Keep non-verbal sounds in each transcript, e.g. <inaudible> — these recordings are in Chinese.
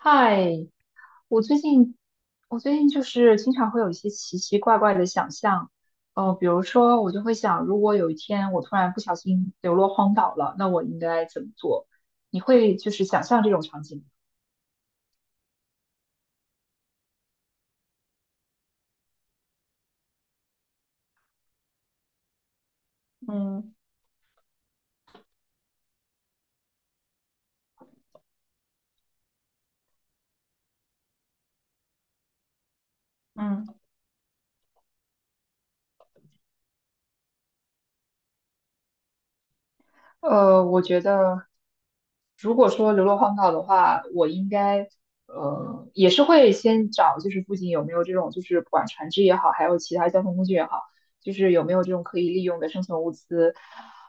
嗨，我最近我最近就是经常会有一些奇奇怪怪的想象，比如说我就会想，如果有一天我突然不小心流落荒岛了，那我应该怎么做？你会就是想象这种场景吗？嗯嗯。我觉得，如果说流落荒岛的话，我应该也是会先找，就是附近有没有这种，就是不管船只也好，还有其他交通工具也好，就是有没有这种可以利用的生存物资。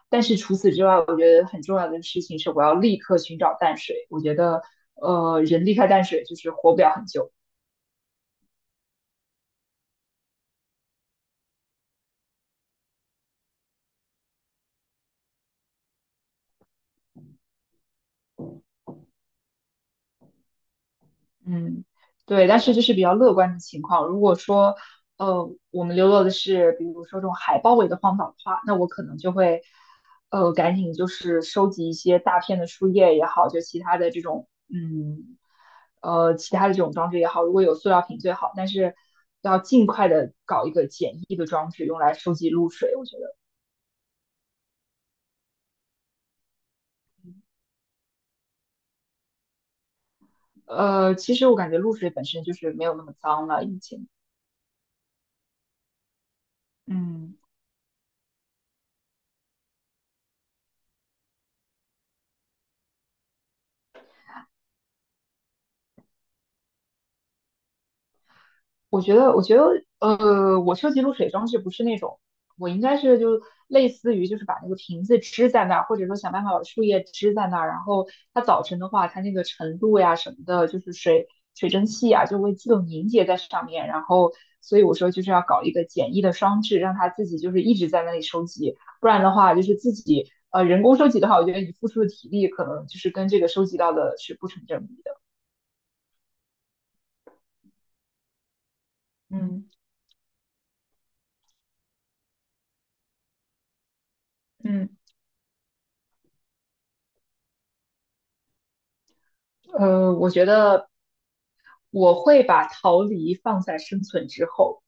但是除此之外，我觉得很重要的事情是，我要立刻寻找淡水。我觉得人离开淡水就是活不了很久。嗯，对，但是这是比较乐观的情况。如果说，我们流落的是比如说这种海包围的荒岛的话，那我可能就会，赶紧就是收集一些大片的树叶也好，就其他的这种，嗯，其他的这种装置也好，如果有塑料瓶最好，但是要尽快的搞一个简易的装置用来收集露水。我觉得，其实我感觉露水本身就是没有那么脏了，已经。嗯。我觉得,我收集露水装置不是那种，我应该是就类似于就是把那个瓶子支在那儿，或者说想办法把树叶支在那儿，然后它早晨的话，它那个晨露呀什么的，就是水蒸气呀就会自动凝结在上面，然后所以我说就是要搞一个简易的装置，让它自己就是一直在那里收集，不然的话就是自己人工收集的话，我觉得你付出的体力可能就是跟这个收集到的是不成正比的。嗯。嗯，我觉得我会把逃离放在生存之后，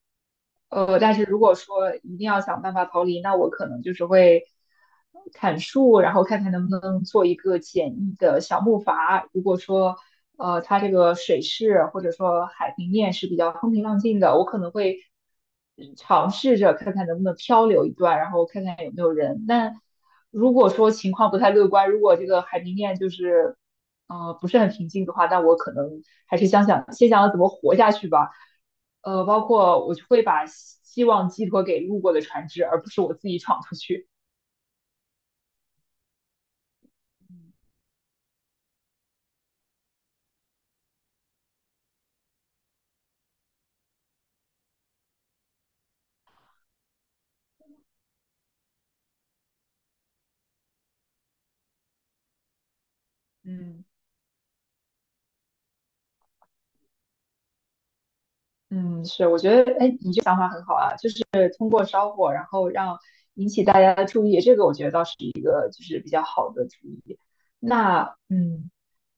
但是如果说一定要想办法逃离，那我可能就是会砍树，然后看看能不能做一个简易的小木筏。如果说它这个水势或者说海平面是比较风平浪静的，我可能会尝试着看看能不能漂流一段，然后看看有没有人。但如果说情况不太乐观，如果这个海平面就是不是很平静的话，那我可能还是先想想怎么活下去吧。包括我就会把希望寄托给路过的船只，而不是我自己闯出去。嗯。嗯，是，我觉得，哎，你这想法很好啊，就是通过烧火，然后让大家注意，这个我觉得倒是一个就是比较好的主意。那，嗯，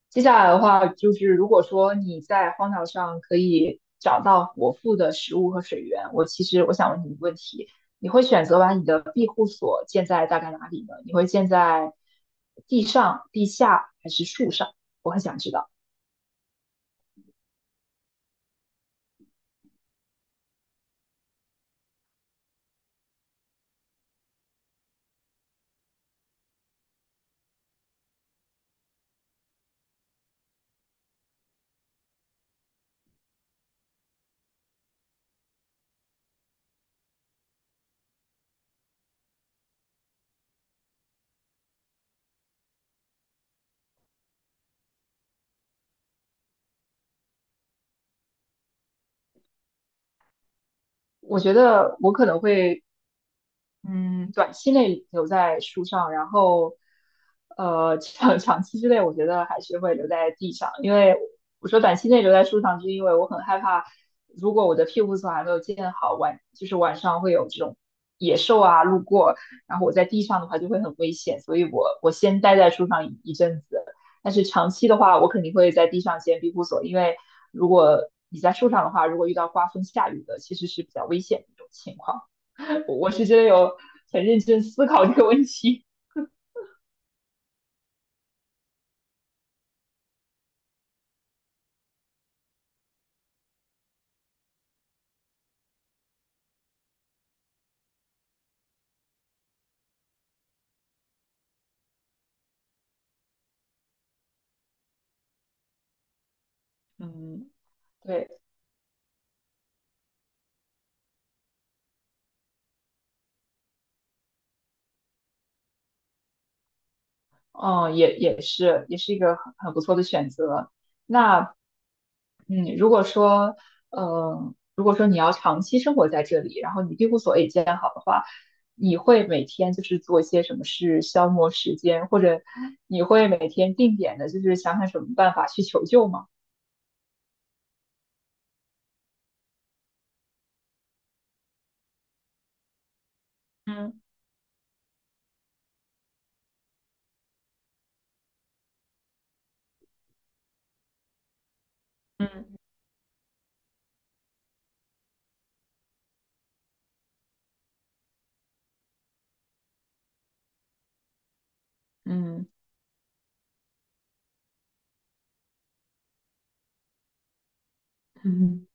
接下来的话，就是如果说你在荒岛上可以找到果腹的食物和水源，我其实我想问你一个问题：你会选择把你的庇护所建在大概哪里呢？你会建在地上、地下还是树上？我很想知道。我觉得我可能会嗯，短期内留在树上，然后，长期之内，我觉得还是会留在地上。因为我说短期内留在树上，是因为我很害怕，如果我的庇护所还没有建好，晚就是晚上会有这种野兽啊路过，然后我在地上的话就会很危险，所以我先待在树上一阵子。但是长期的话，我肯定会在地上建庇护所，因为如果你在树上的话，如果遇到刮风下雨的，其实是比较危险的一种情况。我是真的有很认真思考这个问题。嗯。<laughs> 对，嗯，也是一个很不错的选择。那嗯，如果说如果说你要长期生活在这里，然后你庇护所也建好的话，你会每天就是做一些什么事消磨时间，或者你会每天定点的，就是想想什么办法去求救吗？嗯。嗯。嗯。嗯。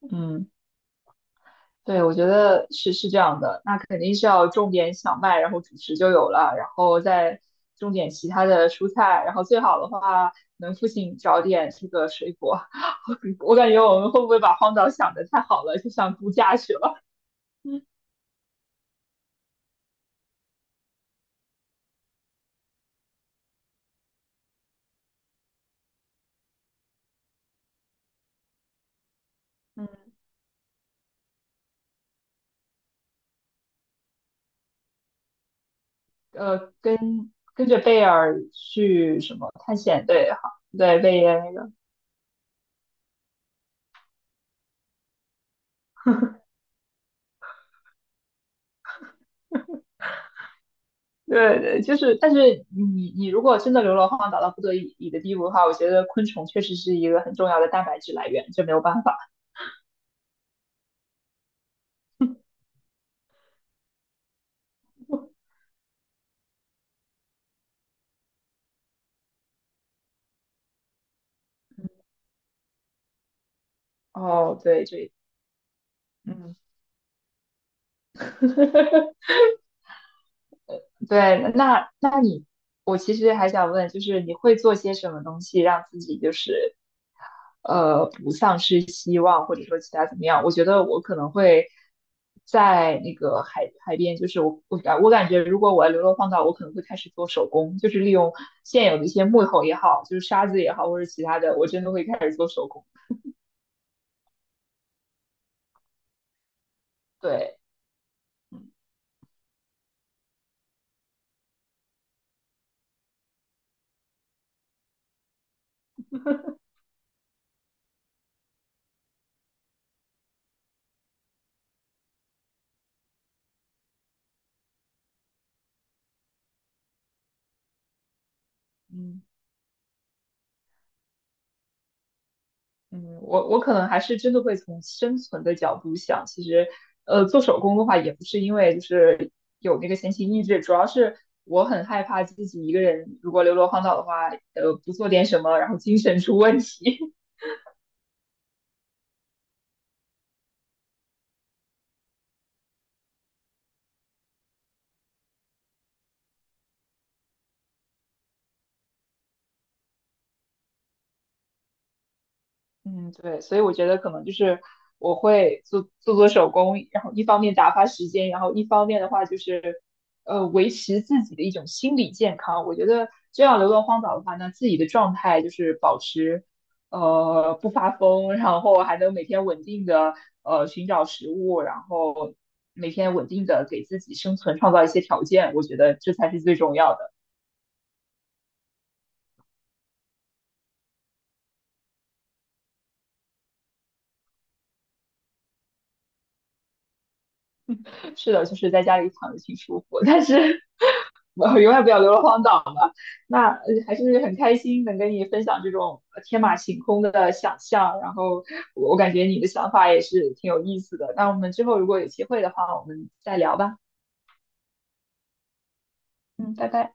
嗯。<laughs> 对，我觉得是是这样的，那肯定是要种点小麦，然后主食就有了，然后再种点其他的蔬菜，然后最好的话能附近找点这个水果。<laughs> 我感觉我们会不会把荒岛想得太好了，就想度假去了？嗯。嗯，跟跟着贝尔去什么探险对，好，对，贝爷那个，对对，就是，但是你如果真的流落荒岛到不得已的地步的话，我觉得昆虫确实是一个很重要的蛋白质来源，这没有办法。哦，对，这，嗯，对，那那你，我其实还想问，就是你会做些什么东西让自己就是，不丧失希望，或者说其他怎么样？我觉得我可能会在那个海边，就是我感觉，如果我要流落荒岛，我可能会开始做手工，就是利用现有的一些木头也好，就是沙子也好，或者其他的，我真的会开始做手工。对，嗯。嗯。嗯，我可能还是真的会从生存的角度想，其实，做手工的话，也不是因为就是有那个闲情逸致，主要是我很害怕自己一个人如果流落荒岛的话，不做点什么，然后精神出问题。<laughs> 嗯，对，所以我觉得可能就是我会做手工，然后一方面打发时间，然后一方面的话就是，维持自己的一种心理健康。我觉得这样流落荒岛的话那自己的状态就是保持，不发疯，然后还能每天稳定的寻找食物，然后每天稳定的给自己生存创造一些条件。我觉得这才是最重要的。是的，就是在家里躺着挺舒服，但是 <laughs> 我永远不要流落荒岛。那还是很开心能跟你分享这种天马行空的想象，然后我感觉你的想法也是挺有意思的。那我们之后如果有机会的话，我们再聊吧。嗯，拜拜。